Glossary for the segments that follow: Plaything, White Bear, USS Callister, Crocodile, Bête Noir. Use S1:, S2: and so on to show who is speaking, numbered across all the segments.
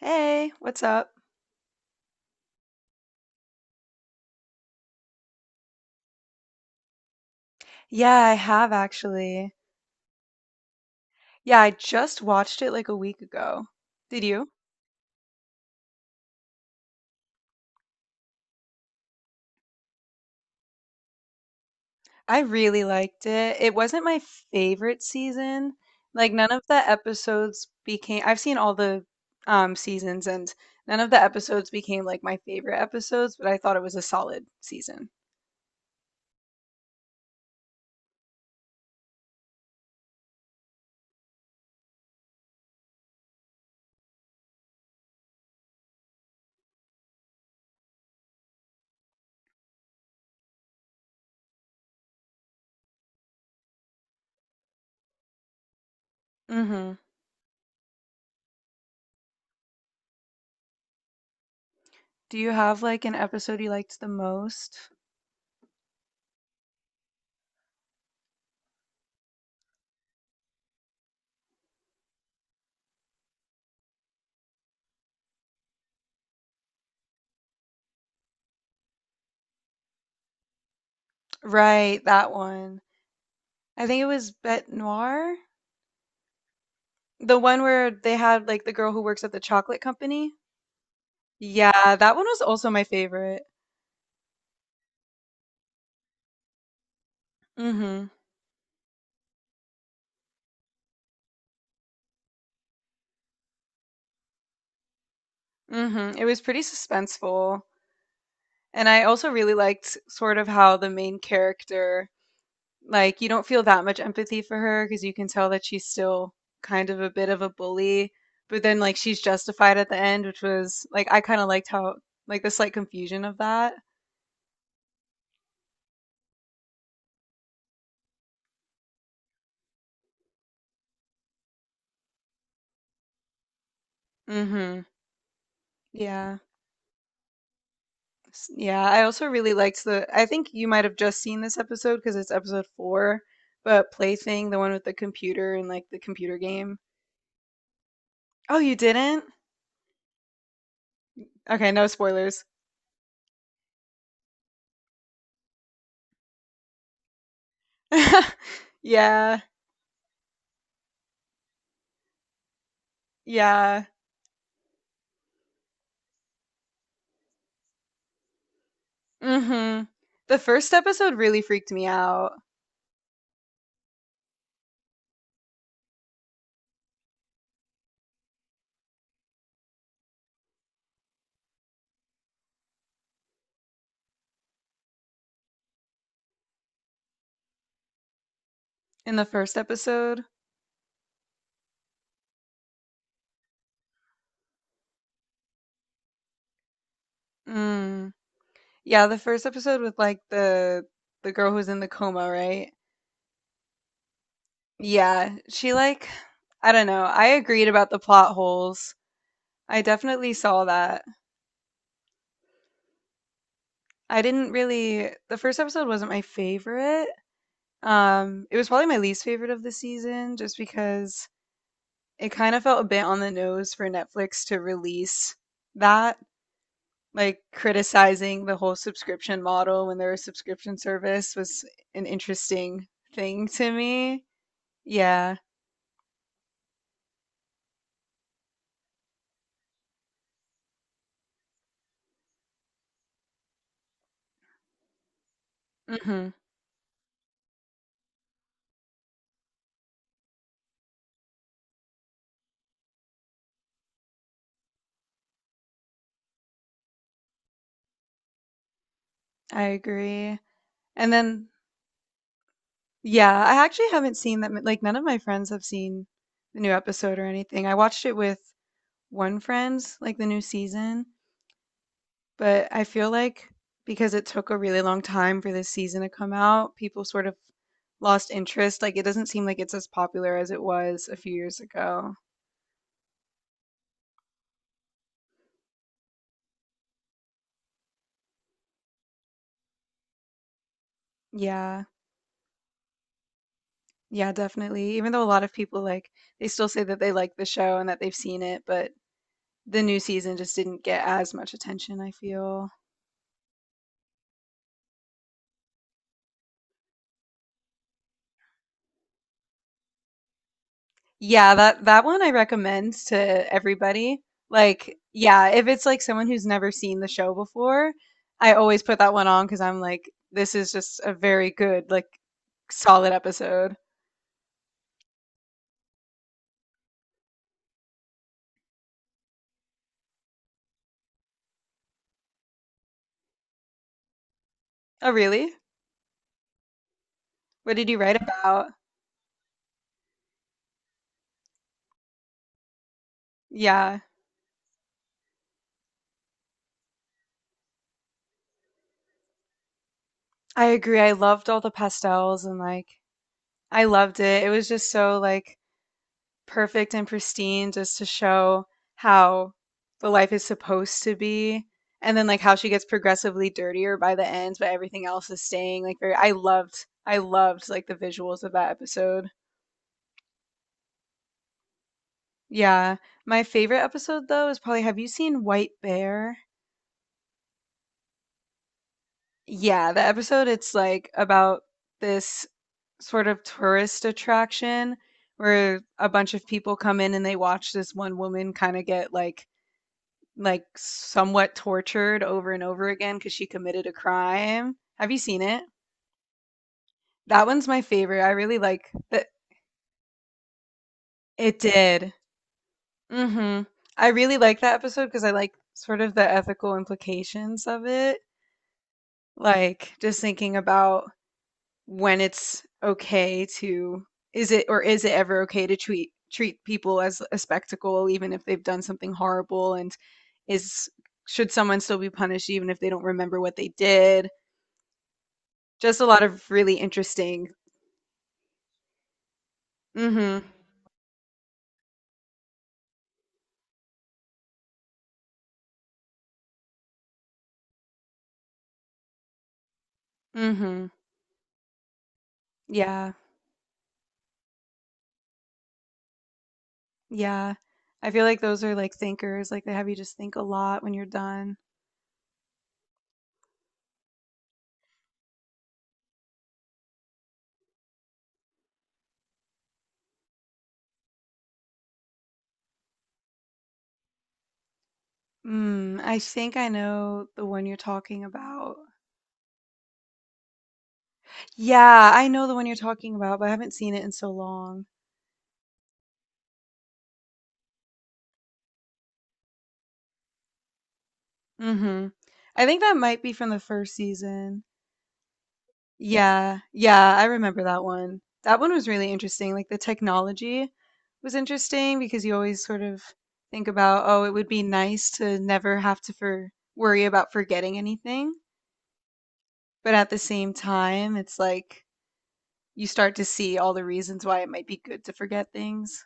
S1: Hey, what's up? Yeah, I have actually. Yeah, I just watched it like a week ago. Did you? I really liked it. It wasn't my favorite season. Like none of the episodes became I've seen all the seasons and none of the episodes became like my favorite episodes, but I thought it was a solid season. Mm-hmm. Do you have like an episode you liked the most? Right, that one. I think it was Bête Noir. The one where they had, like, the girl who works at the chocolate company? Yeah, that one was also my favorite. Mhm. Mhm. It was pretty suspenseful. And I also really liked sort of how the main character, like, you don't feel that much empathy for her because you can tell that she's still kind of a bit of a bully, but then, like, she's justified at the end, which was, like, I kind of liked how, like, the slight confusion of that. Mhm. Yeah. Yeah, I also really liked the. I think you might have just seen this episode because it's episode four, but Plaything, the one with the computer and like the computer game. Oh, you didn't? Okay, no spoilers. Yeah, yeah. Mm-hmm. The first episode really freaked me out. In the first episode, mm, yeah, the first episode with like the girl who's in the coma, right? Yeah, she like, I don't know. I agreed about the plot holes. I definitely saw that. I didn't really the first episode wasn't my favorite. It was probably my least favorite of the season just because it kind of felt a bit on the nose for Netflix to release that like criticizing the whole subscription model when they're a subscription service was an interesting thing to me. Yeah. Mhm. I agree. And then yeah, I actually haven't seen that like none of my friends have seen the new episode or anything. I watched it with one Friends, like the new season, but I feel like because it took a really long time for this season to come out, people sort of lost interest. Like it doesn't seem like it's as popular as it was a few years ago. Yeah. Yeah, definitely. Even though a lot of people like they still say that they like the show and that they've seen it, but the new season just didn't get as much attention, I feel. Yeah, that one I recommend to everybody. Like, yeah, if it's like someone who's never seen the show before, I always put that one on because I'm like, this is just a very good, like, solid episode. Oh, really? What did you write about? Yeah, I agree. I loved all the pastels and like I loved it. It was just so like perfect and pristine just to show how the life is supposed to be and then like how she gets progressively dirtier by the end but everything else is staying like very I loved like the visuals of that episode. Yeah. My favorite episode though is probably have you seen White Bear? Yeah, the episode it's like about this sort of tourist attraction where a bunch of people come in and they watch this one woman kind of get like somewhat tortured over and over again because she committed a crime. Have you seen it? That one's my favorite. I really like that. It did. Hmm. I really like that episode because I like sort of the ethical implications of it. Like just thinking about when it's okay to is it or is it ever okay to treat people as a spectacle even if they've done something horrible and is should someone still be punished even if they don't remember what they did. Just a lot of really interesting. Mhm, mhm. Yeah, yeah. I feel like those are, like, thinkers, like, they have you just think a lot when you're done. Mm, I think I know the one you're talking about. Yeah, I know the one you're talking about, but I haven't seen it in so long. Mhm. I think that might be from the first season. Yeah, yeah, I remember that one. That one was really interesting. Like the technology was interesting because you always sort of think about, oh, it would be nice to never have to for worry about forgetting anything. But at the same time, it's like you start to see all the reasons why it might be good to forget things.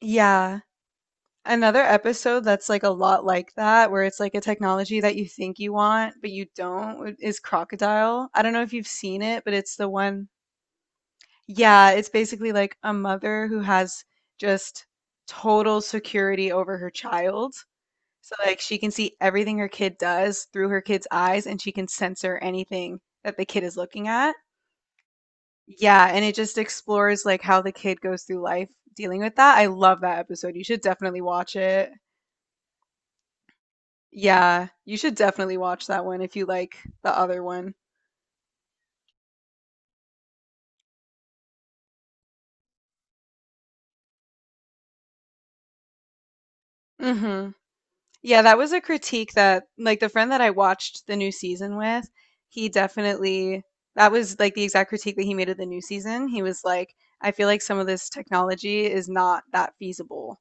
S1: Yeah. Another episode that's like a lot like that, where it's like a technology that you think you want, but you don't, is Crocodile. I don't know if you've seen it, but it's the one. Yeah, it's basically like a mother who has just total security over her child. So like she can see everything her kid does through her kid's eyes and she can censor anything that the kid is looking at. Yeah, and it just explores like how the kid goes through life dealing with that. I love that episode. You should definitely watch it. Yeah, you should definitely watch that one if you like the other one. Hmm. Yeah, that was a critique that, like, the friend that I watched the new season with, he definitely, that was like the exact critique that he made of the new season. He was like, I feel like some of this technology is not that feasible.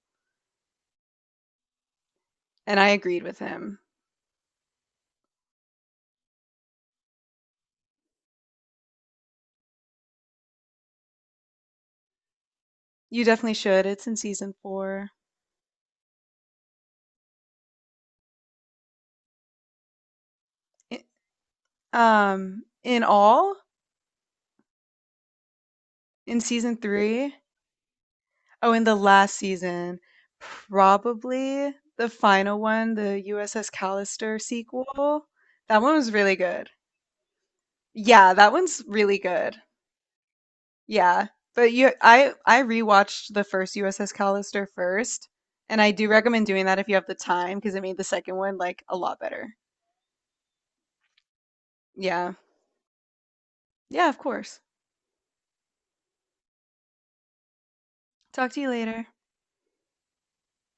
S1: And I agreed with him. You definitely should. It's in season four. I- in all, in season three, oh, in the last season, probably the final one, the USS Callister sequel. That one was really good. Yeah, that one's really good. Yeah. But you I rewatched the first USS Callister first, and I do recommend doing that if you have the time because it made the second one like a lot better. Yeah. Yeah, of course. Talk to you later.